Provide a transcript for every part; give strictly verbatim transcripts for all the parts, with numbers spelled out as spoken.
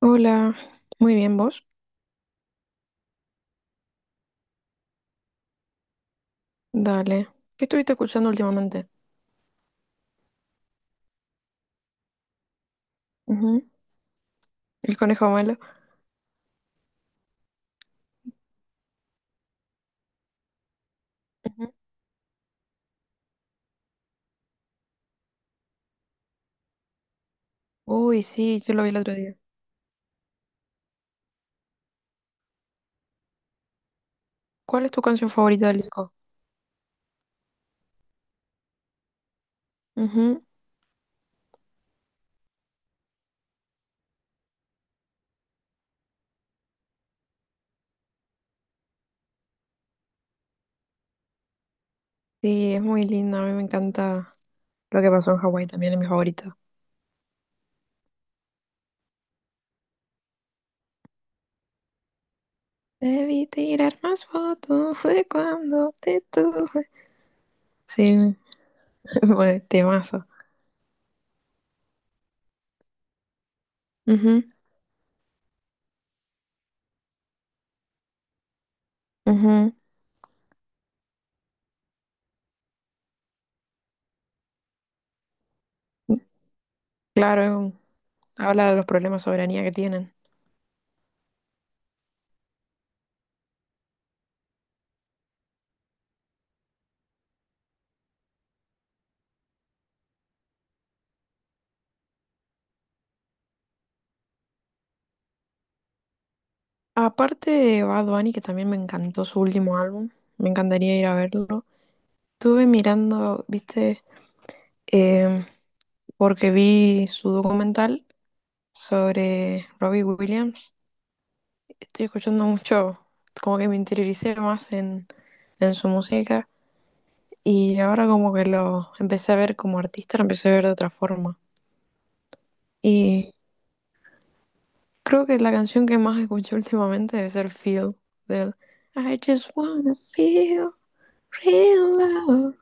Hola, muy bien vos. Dale. ¿Qué estuviste escuchando últimamente? Ujú. El conejo malo. Ujú. Uy, sí, yo lo vi el otro día. ¿Cuál es tu canción favorita del disco? Ujú. Sí, es muy linda. A mí me encanta lo que pasó en Hawái también, es mi favorita. Debí tirar más fotos, fue cuando te tuve. Sí, fue temazo. Ujú, ujú. Claro, habla de los problemas de soberanía que tienen. Aparte de Bad Bunny, que también me encantó su último álbum, me encantaría ir a verlo. Estuve mirando, viste. Em, Porque vi su documental sobre Robbie Williams. Estoy escuchando mucho, como que me interioricé más en, en su música, y ahora como que lo empecé a ver como artista, lo empecé a ver de otra forma. y Creo que la canción que más escuché últimamente debe ser Feel, del I just wanna feel real love.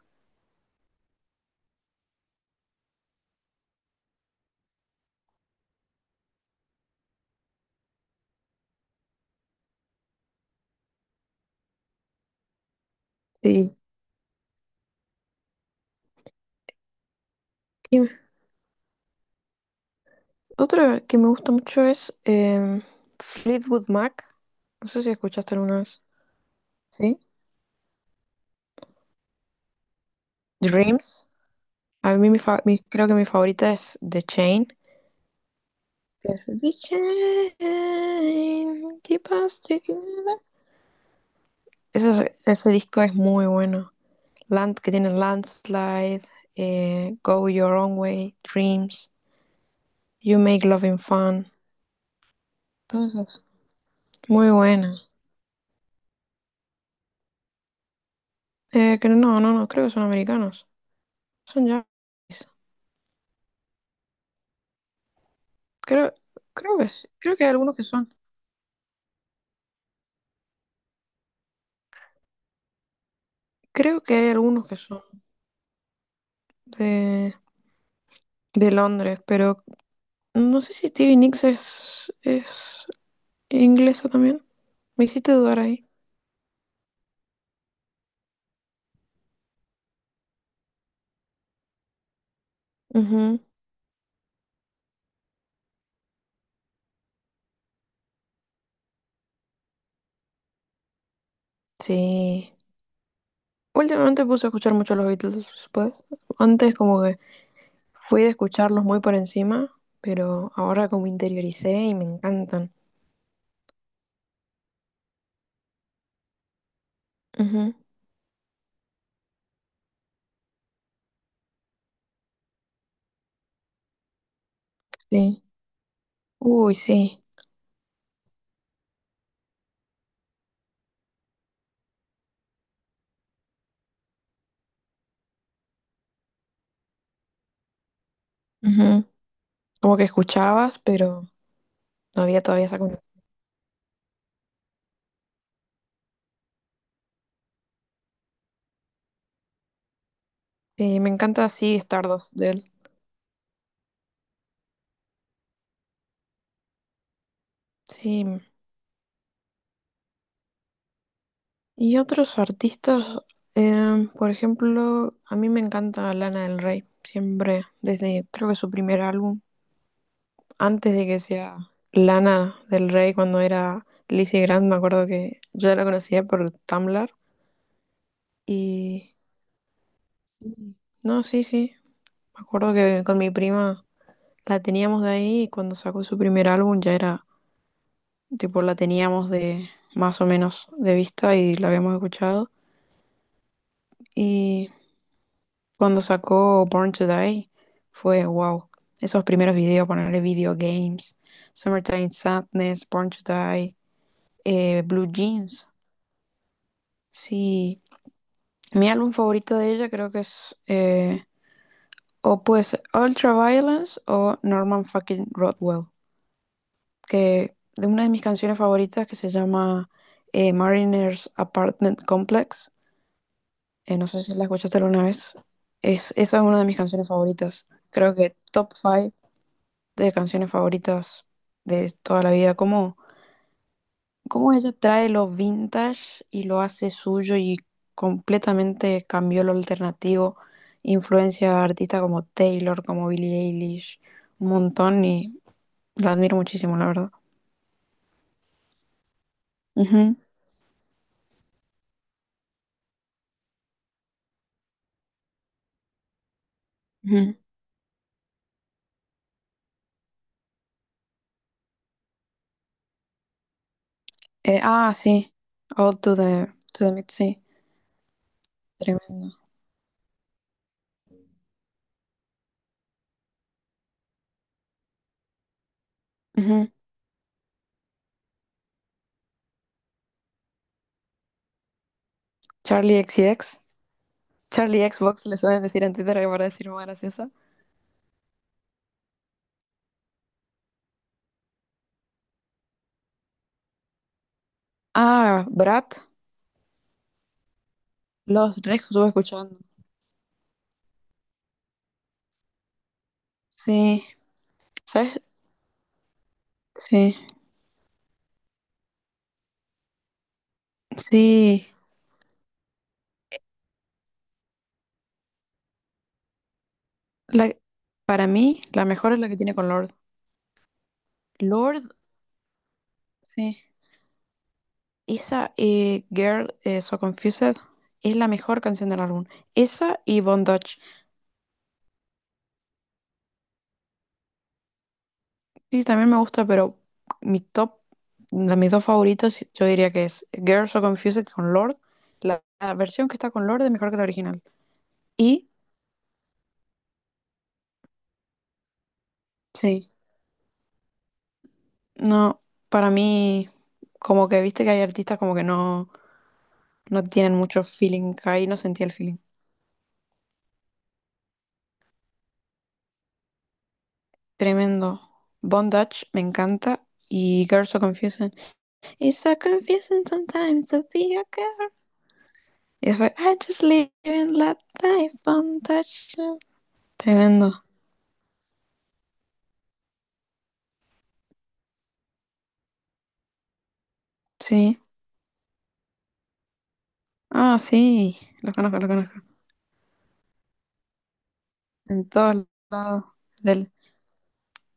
Sí. Y otra que me gusta mucho es em, Fleetwood Mac. No sé si escuchaste alguna vez. ¿Sí? Dreams. A mí mi fa- mi- creo que mi favorita es The Chain. Que es The Chain, keep us together. Ese, ese disco es muy bueno. Land, que tiene Landslide, eh, Go Your Own Way, Dreams, You Make Loving Fun. Todas esas. Muy buena. Eh, que no, no, no, Creo que son americanos. Son ya. Creo, creo que sí, creo que hay algunos que son. Creo que hay algunos que son de, de Londres, pero no sé si Stevie Nicks es, es inglesa también. Me hiciste dudar ahí. Ujú. Sí. Últimamente puse a escuchar mucho a los Beatles, pues. Antes como que fui de escucharlos muy por encima, pero ahora como interioricé y me encantan. Ujú, sí. Uy, sí. Ujú. Como que escuchabas, pero no había todavía esa conexión. Sí, me encanta, sí, Stardust de él. Sí. Y otros artistas, em, por ejemplo, a mí me encanta Lana del Rey, siempre, desde creo que su primer álbum, antes de que sea Lana del Rey, cuando era Lizzy Grant. Me acuerdo que yo la conocía por Tumblr. Y Mm. No, sí, sí. Me acuerdo que con mi prima la teníamos de ahí, y cuando sacó su primer álbum ya era, tipo, la teníamos de más o menos de vista y la habíamos escuchado. Y cuando sacó Born to Die fue wow. Esos primeros videos, ponerle Video Games, Summertime Sadness, Born to Die, eh, Blue Jeans. Sí, mi álbum favorito de ella creo que es eh, o pues Ultraviolence o Norman Fucking Rockwell. Que de una de mis canciones favoritas, que se llama eh, Mariners Apartment Complex. Eh, no sé si la escuchaste alguna vez. Es, esa es una de mis canciones favoritas. Creo que top cinco de canciones favoritas de toda la vida. Cómo, cómo ella trae lo vintage y lo hace suyo, y completamente cambió lo alternativo. Influencia a artistas como Taylor, como Billie Eilish, un montón, y la admiro muchísimo, la verdad. Ujú, ujú. Eh, ah, sí. All to the, To the Mid, sí. Tremendo. Ujú. Charlie X C X. Charlie Xbox le suelen decir en Twitter, que para decir más graciosa. Ah, Brad. Los Rex estuve escuchando. Sí. ¿Sabes? Sí. Sí. La- para mí, la mejor es la que tiene con Lord. Lord, sí. Esa eh, Girl eh, So Confused es la mejor canción del álbum. Esa y Bondage. Sí, también me gusta, pero mi top, de mis dos favoritos, yo diría que es Girls So Confused con Lord. La, la versión que está con Lord es mejor que la original. Y sí, no, para mí, como que viste que hay artistas como que no, no tienen mucho feeling, ahí no sentía el feeling. Tremendo. Bondage me encanta. Y Girls So Confused. It's so confusing sometimes to be a girl. Y después, I just live in that life, Bondage. Tremendo. Sí. Ah, sí, los conozco, los conozco. En todos lados del...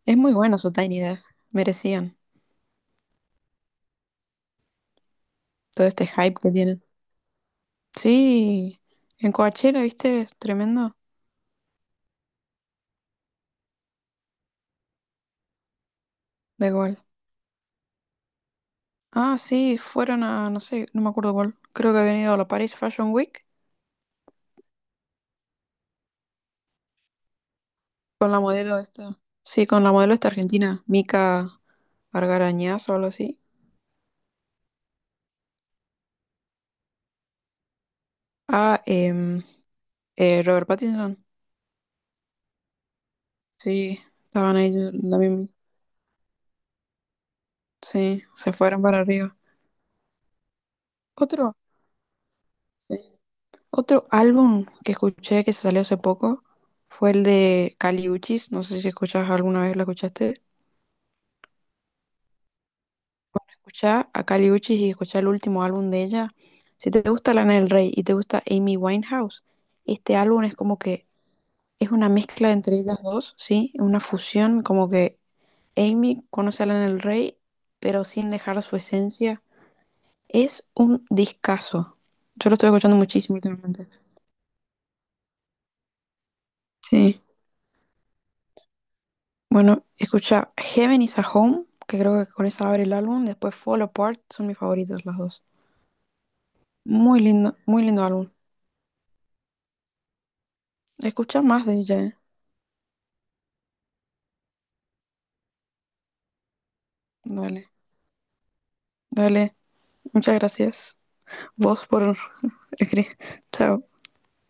Es muy bueno su Tiny Desk. Merecían todo este hype que tienen. Sí, en Coachella, ¿viste? Es tremendo. De gol. Ah, sí, fueron a, no sé, no me acuerdo cuál. Creo que habían ido a la Paris Fashion Week con la modelo esta. Sí, con la modelo esta argentina, Mica Argarañaz o algo así. Ah, em, eh, Robert Pattinson. Sí, estaban ahí la misma- Sí, se fueron para arriba. Otro. Sí. Otro álbum que escuché que salió hace poco fue el de Kali Uchis. No sé si escuchas alguna vez, la escuchaste. Escuchá a Kali Uchis y escuchá el último álbum de ella. Si te gusta Lana del Rey y te gusta Amy Winehouse, este álbum es como que es una mezcla entre ellas dos, ¿sí? Una fusión, como que Amy conoce a Lana del Rey, pero sin dejar su esencia. Es un discazo. Yo lo estoy escuchando muchísimo últimamente. Sí. Bueno, escucha Heaven is a Home, que creo que con esa abre el álbum. Después Fall Apart, son mis favoritas las dos. Muy lindo, muy lindo álbum. Escucha más de ella, ¿eh? Dale, dale. Muchas gracias. Vos por escribir. Chao.